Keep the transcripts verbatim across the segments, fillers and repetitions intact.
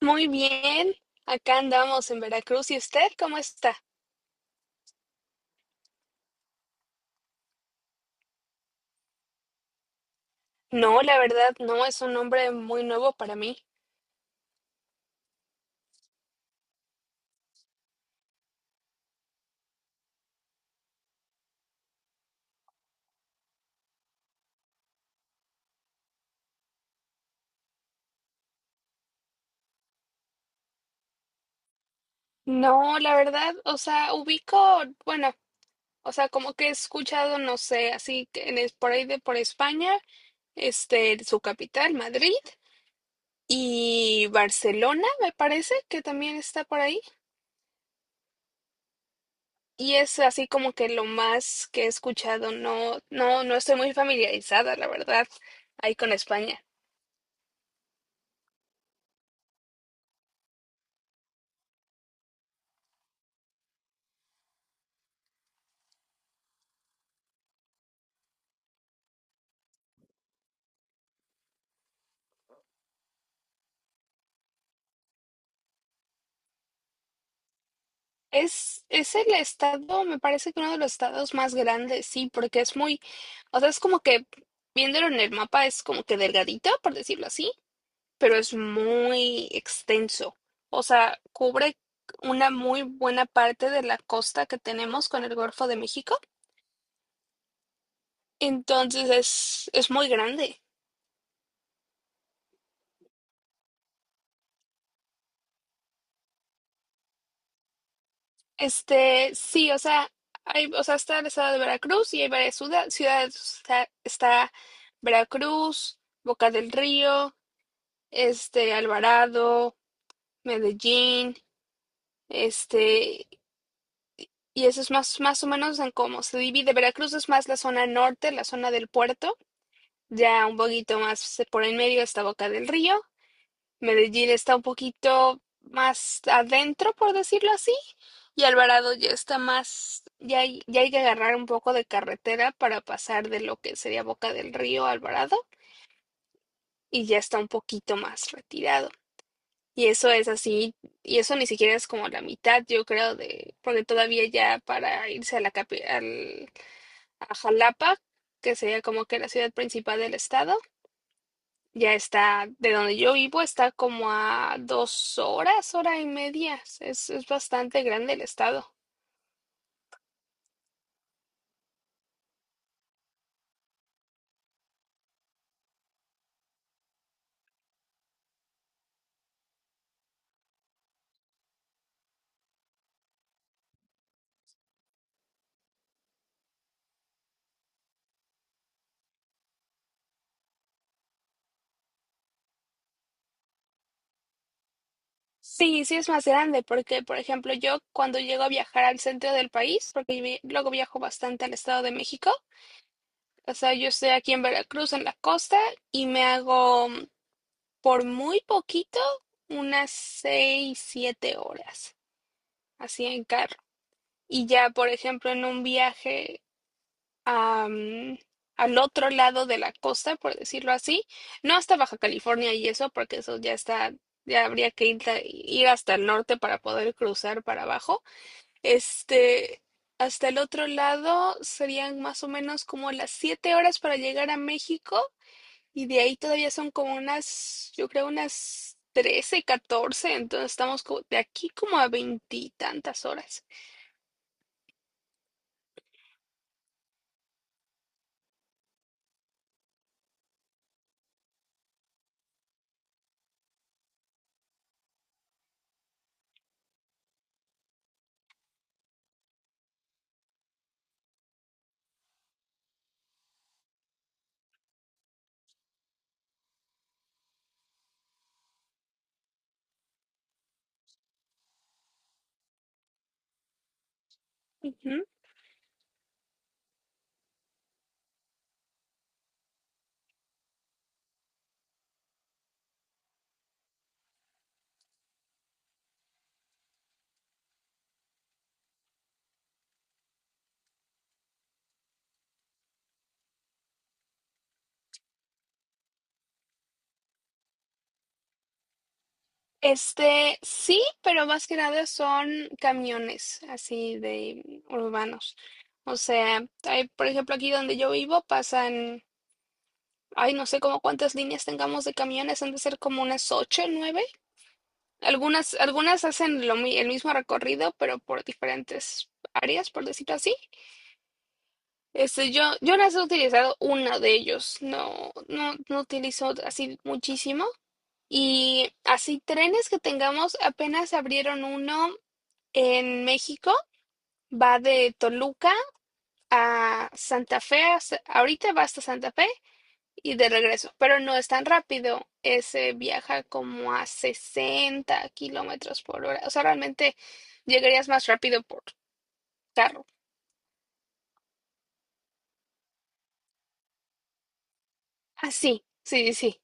Muy bien, acá andamos en Veracruz. ¿Y usted cómo está? No, la verdad, no es un nombre muy nuevo para mí. No, la verdad, o sea, ubico, bueno, o sea, como que he escuchado, no sé, así que en es- por ahí de por España, este, su capital, Madrid, y Barcelona, me parece que también está por ahí. Y es así como que lo más que he escuchado. No, no, no estoy muy familiarizada, la verdad, ahí con España. Es, es el estado, me parece que uno de los estados más grandes, sí, porque es muy, o sea, es como que viéndolo en el mapa es como que delgadita, por decirlo así, pero es muy extenso. O sea, cubre una muy buena parte de la costa que tenemos con el Golfo de México. Entonces es, es muy grande. Este, sí, o sea, hay, o sea, está el estado de Veracruz y hay varias ciudad- ciudades. Está, está Veracruz, Boca del Río, este, Alvarado, Medellín, este, y eso es más, más o menos en cómo se divide. Veracruz es más la zona norte, la zona del puerto, ya un poquito más por en medio está Boca del Río. Medellín está un poquito más adentro, por decirlo así, y Alvarado ya está más, ya hay, ya hay que agarrar un poco de carretera para pasar de lo que sería Boca del Río a Alvarado, y ya está un poquito más retirado. Y eso es así, y eso ni siquiera es como la mitad, yo creo, de, porque todavía ya para irse a la capi- al, a Jalapa, que sería como que la ciudad principal del estado, ya está, de donde yo vivo, está como a dos horas, hora y media. Es, es bastante grande el estado. Sí, sí es más grande, porque por ejemplo yo cuando llego a viajar al centro del país, porque vi- luego viajo bastante al estado de México, o sea, yo estoy aquí en Veracruz, en la costa, y me hago. Por muy poquito, unas seis, siete horas, así en carro. Y ya, por ejemplo, en un viaje a, mm, al otro lado de la costa, por decirlo así, no hasta Baja California y eso, porque eso ya está, ya habría que ir, ta- ir hasta el norte para poder cruzar para abajo. Este, hasta el otro lado serían más o menos como las siete horas para llegar a México y de ahí todavía son como unas, yo creo unas trece catorce, entonces estamos co- de aquí como a veintitantas horas. Ujú. Este, sí, pero más que nada son camiones así de urbanos. O sea, hay, por ejemplo, aquí donde yo vivo pasan, ay, no sé cómo cuántas líneas tengamos de camiones, han de ser como unas ocho, nueve. Algunas, algunas hacen lo, mi- el mismo recorrido, pero por diferentes áreas, por decirlo así. Este, yo, yo las he utilizado una de ellos, no, no, no utilizo así muchísimo. Y así trenes que tengamos, apenas abrieron uno en México, va de Toluca a Santa Fe, hasta- ahorita va hasta Santa Fe y de regreso, pero no es tan rápido, ese viaja como a sesenta kilómetros por hora, o sea, realmente llegarías más rápido por carro. Ah, sí, sí, sí.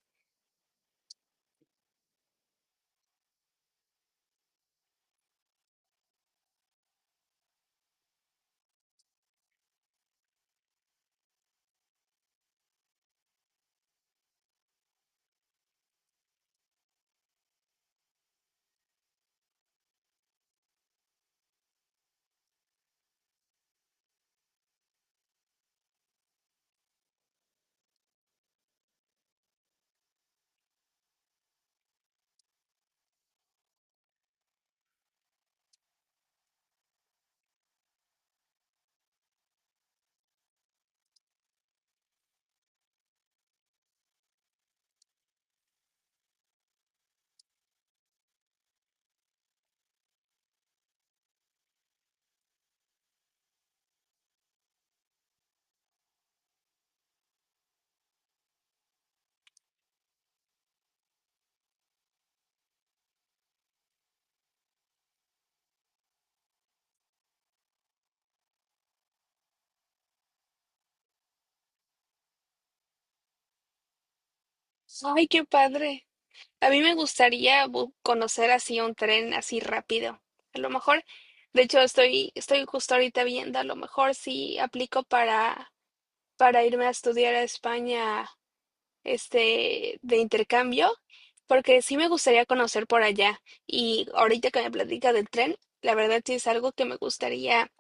Sí. Ay, qué padre. A mí me gustaría bu- conocer así un tren así rápido. A lo mejor, de hecho, estoy, estoy justo ahorita viendo, a lo mejor sí aplico para, para irme a estudiar a España, este, de intercambio, porque sí me gustaría conocer por allá. Y ahorita que me platica del tren, la verdad sí es algo que me gustaría,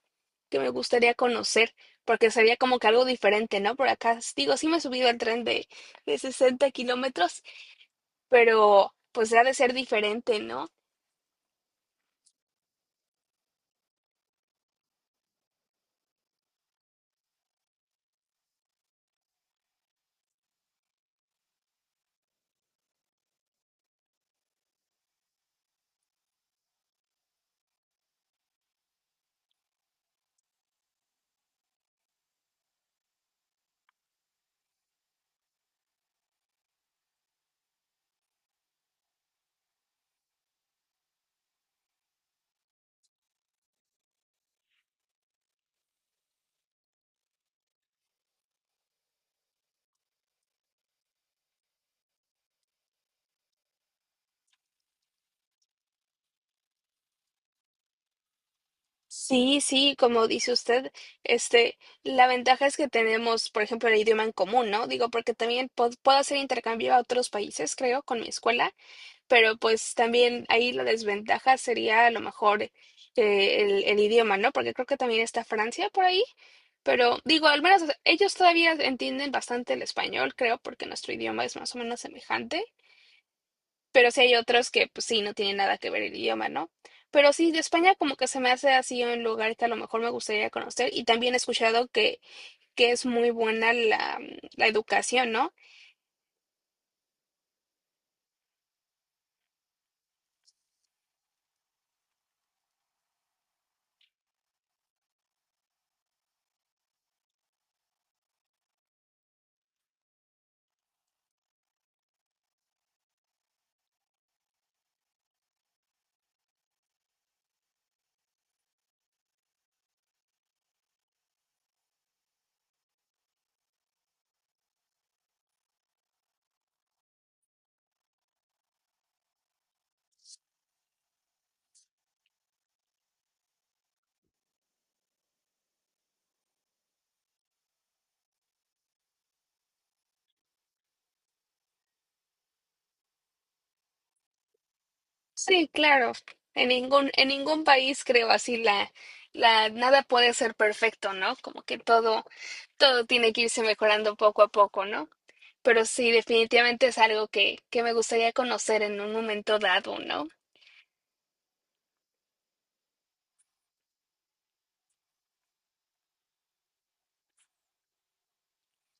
que me gustaría conocer, porque sería como que algo diferente, ¿no? Por acá, digo, sí me he subido al tren de, de sesenta kilómetros, pero pues ha de ser diferente, ¿no? Sí, sí, como dice usted, este, la ventaja es que tenemos, por ejemplo, el idioma en común, ¿no? Digo, porque también pod- puedo hacer intercambio a otros países, creo, con mi escuela, pero pues también ahí la desventaja sería a lo mejor eh, el, el idioma, ¿no? Porque creo que también está Francia por ahí, pero digo, al menos ellos todavía entienden bastante el español, creo, porque nuestro idioma es más o menos semejante. Pero sí hay otros que, pues sí, no tienen nada que ver el idioma, ¿no? Pero sí, de España como que se me hace así un lugar que a lo mejor me gustaría conocer y también he escuchado que, que es muy buena la, mm, la educación, ¿no? Sí, claro. En ningún, en ningún país creo así la, la, nada puede ser perfecto, ¿no? Como que todo, todo tiene que irse mejorando poco a poco, ¿no? Pero sí, definitivamente es algo que, que me gustaría conocer en un momento dado, ¿no?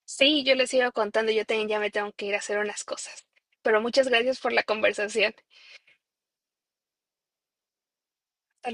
Sí, yo les sigo contando, yo también ya me tengo que ir a hacer unas cosas. Pero muchas gracias por la conversación.